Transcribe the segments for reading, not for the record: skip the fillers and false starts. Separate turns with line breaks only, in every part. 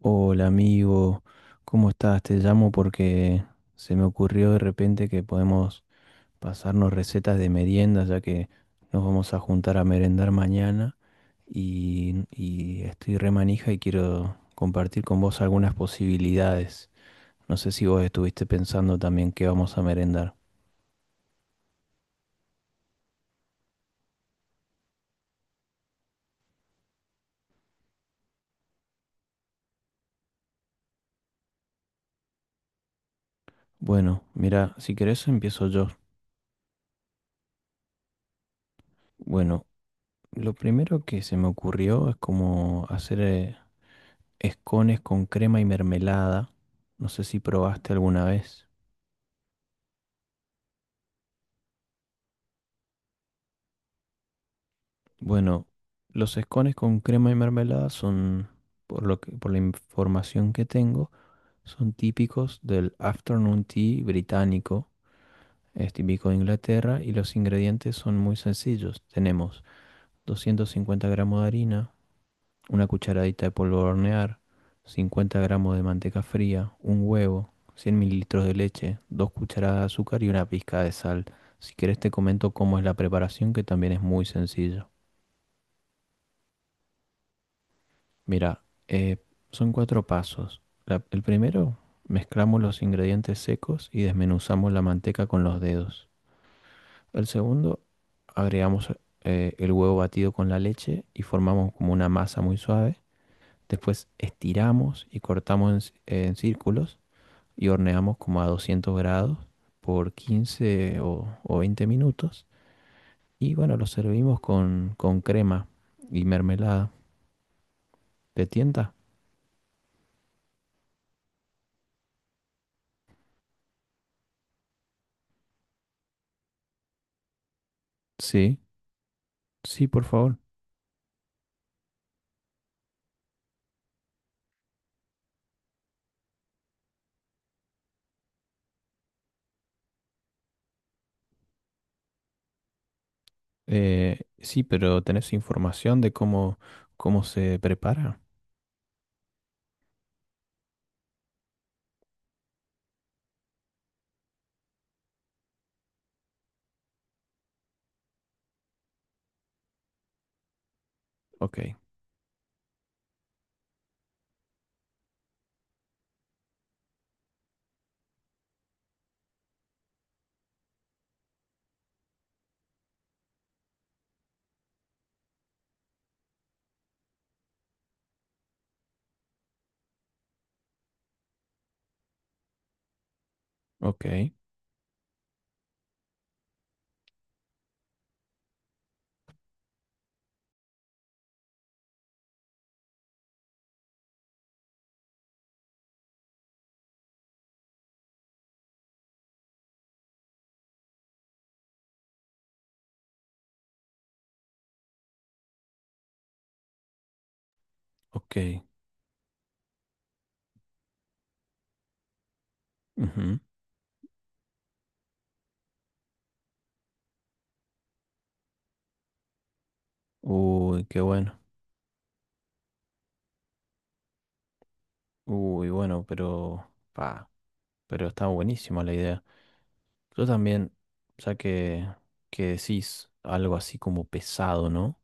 Hola amigo, ¿cómo estás? Te llamo porque se me ocurrió de repente que podemos pasarnos recetas de meriendas, ya que nos vamos a juntar a merendar mañana y estoy re manija y quiero compartir con vos algunas posibilidades. No sé si vos estuviste pensando también qué vamos a merendar. Bueno, mira, si querés empiezo yo. Bueno, lo primero que se me ocurrió es como hacer escones con crema y mermelada. No sé si probaste alguna vez. Bueno, los escones con crema y mermelada son, por la información que tengo, son típicos del afternoon tea británico. Es típico de Inglaterra y los ingredientes son muy sencillos. Tenemos 250 gramos de harina, una cucharadita de polvo de hornear, 50 gramos de manteca fría, un huevo, 100 mililitros de leche, dos cucharadas de azúcar y una pizca de sal. Si querés te comento cómo es la preparación, que también es muy sencillo. Mira, eh, son cuatro pasos. El primero, mezclamos los ingredientes secos y desmenuzamos la manteca con los dedos. El segundo, agregamos el huevo batido con la leche y formamos como una masa muy suave. Después estiramos y cortamos en círculos y horneamos como a 200 grados por 15 o 20 minutos. Y bueno, lo servimos con crema y mermelada. ¿Te tienta? Sí, sí, por favor. Sí, pero ¿tenés información de cómo, cómo se prepara? Ok, ok, ok. Ujú. Uy, qué bueno. Uy, bueno, pero... Pa, pero está buenísima la idea. Yo también, o sea que decís algo así como pesado, ¿no?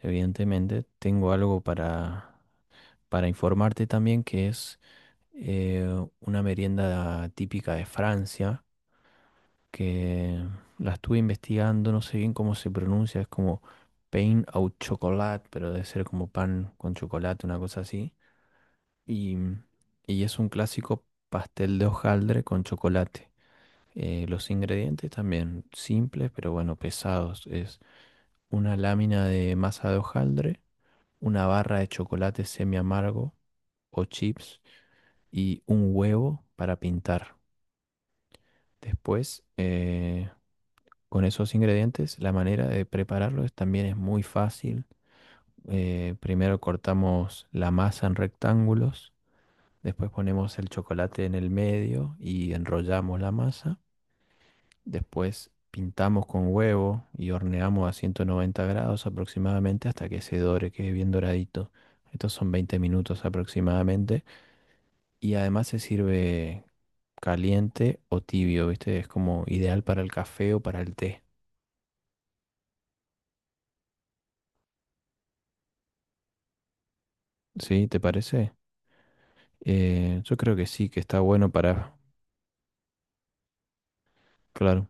Evidentemente, tengo algo para informarte también que es eh, una merienda típica de Francia, que la estuve investigando, no sé bien cómo se pronuncia, es como pain au chocolat, pero debe ser como pan con chocolate, una cosa así. Y, y es un clásico pastel de hojaldre con chocolate. Los ingredientes también simples, pero bueno, pesados. Es una lámina de masa de hojaldre, una barra de chocolate semi amargo o chips y un huevo para pintar. Después, con esos ingredientes, la manera de prepararlos también es muy fácil. Primero cortamos la masa en rectángulos, después ponemos el chocolate en el medio y enrollamos la masa. Después pintamos con huevo y horneamos a 190 grados aproximadamente hasta que se dore, quede bien doradito. Estos son 20 minutos aproximadamente. Y además se sirve caliente o tibio, ¿viste? Es como ideal para el café o para el té. ¿Sí? ¿Te parece? Yo creo que sí, que está bueno para... Claro.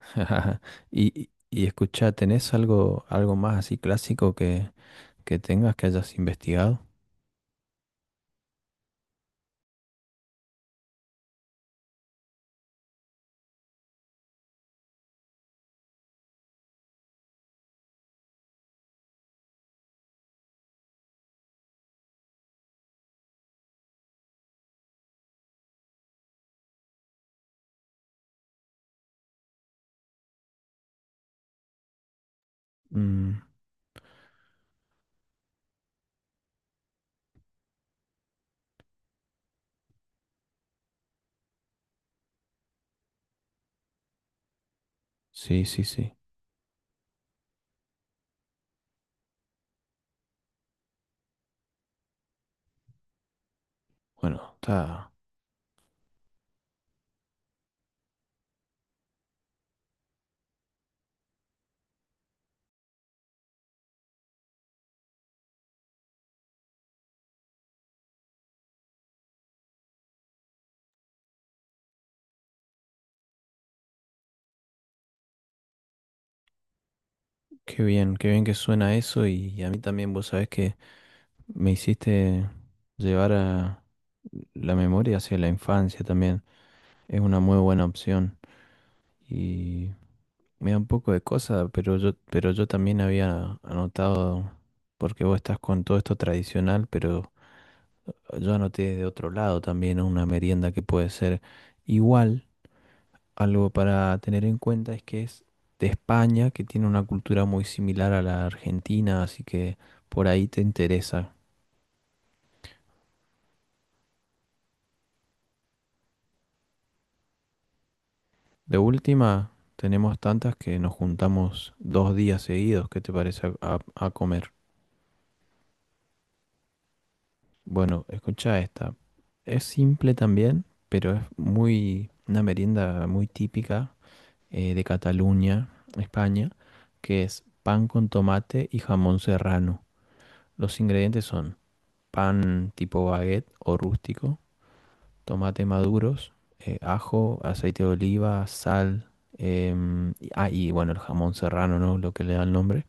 Y, y escuchá, ¿tenés algo, algo más así clásico que tengas que hayas investigado? Mm, sí, sí, sí. Bueno, está... qué bien que suena eso y a mí también vos sabés que me hiciste llevar a la memoria hacia la infancia también. Es una muy buena opción y me da un poco de cosa, pero yo también había anotado, porque vos estás con todo esto tradicional, pero yo anoté de otro lado también, ¿no? Una merienda que puede ser igual. Algo para tener en cuenta es que es de España, que tiene una cultura muy similar a la argentina, así que por ahí te interesa. De última, tenemos tantas que nos juntamos dos días seguidos, ¿qué te parece a, a comer? Bueno, escucha esta. Es simple también, pero es muy una merienda muy típica de Cataluña, España, que es pan con tomate y jamón serrano. Los ingredientes son pan tipo baguette o rústico, tomate maduros, ajo, aceite de oliva, sal, y bueno, el jamón serrano, ¿no? Lo que le da el nombre.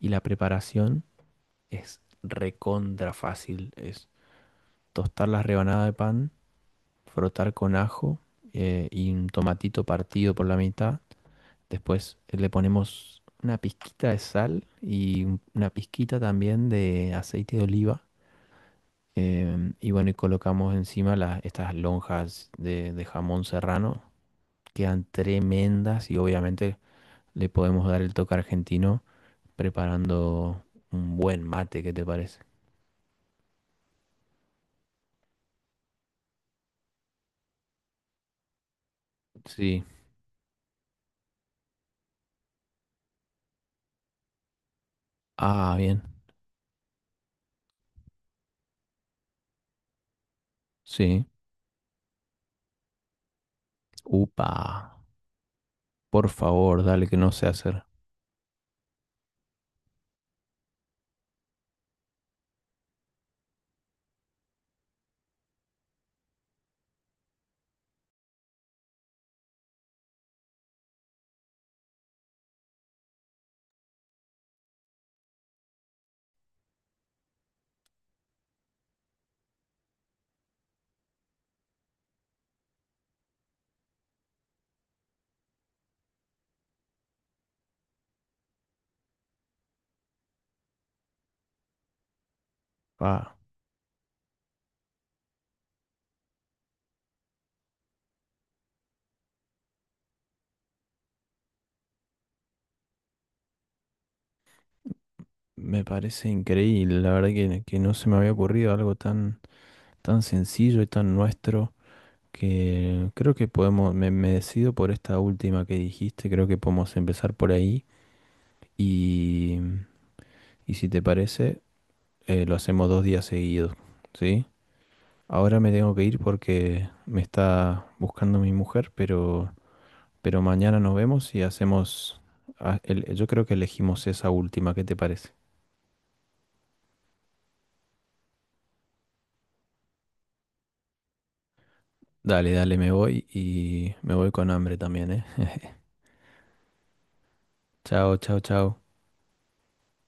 Y la preparación es recontra fácil. Es tostar las rebanadas de pan, frotar con ajo y un tomatito partido por la mitad. Después le ponemos una pizquita de sal y una pizquita también de aceite de oliva. Y bueno, y colocamos encima estas lonjas de jamón serrano. Quedan tremendas y obviamente le podemos dar el toque argentino preparando un buen mate, ¿qué te parece? Sí. Ah, bien. Sí. Upa. Por favor, dale que no sé hacer. Ah, me parece increíble. La verdad que no se me había ocurrido algo tan, tan sencillo y tan nuestro. Que creo que podemos, me decido por esta última que dijiste, creo que podemos empezar por ahí y, y si te parece, lo hacemos dos días seguidos, ¿sí? Ahora me tengo que ir porque me está buscando mi mujer, pero mañana nos vemos y hacemos, ah, yo creo que elegimos esa última, ¿qué te parece? Dale, dale, me voy y me voy con hambre también, ¿eh? Chao, chao, chao.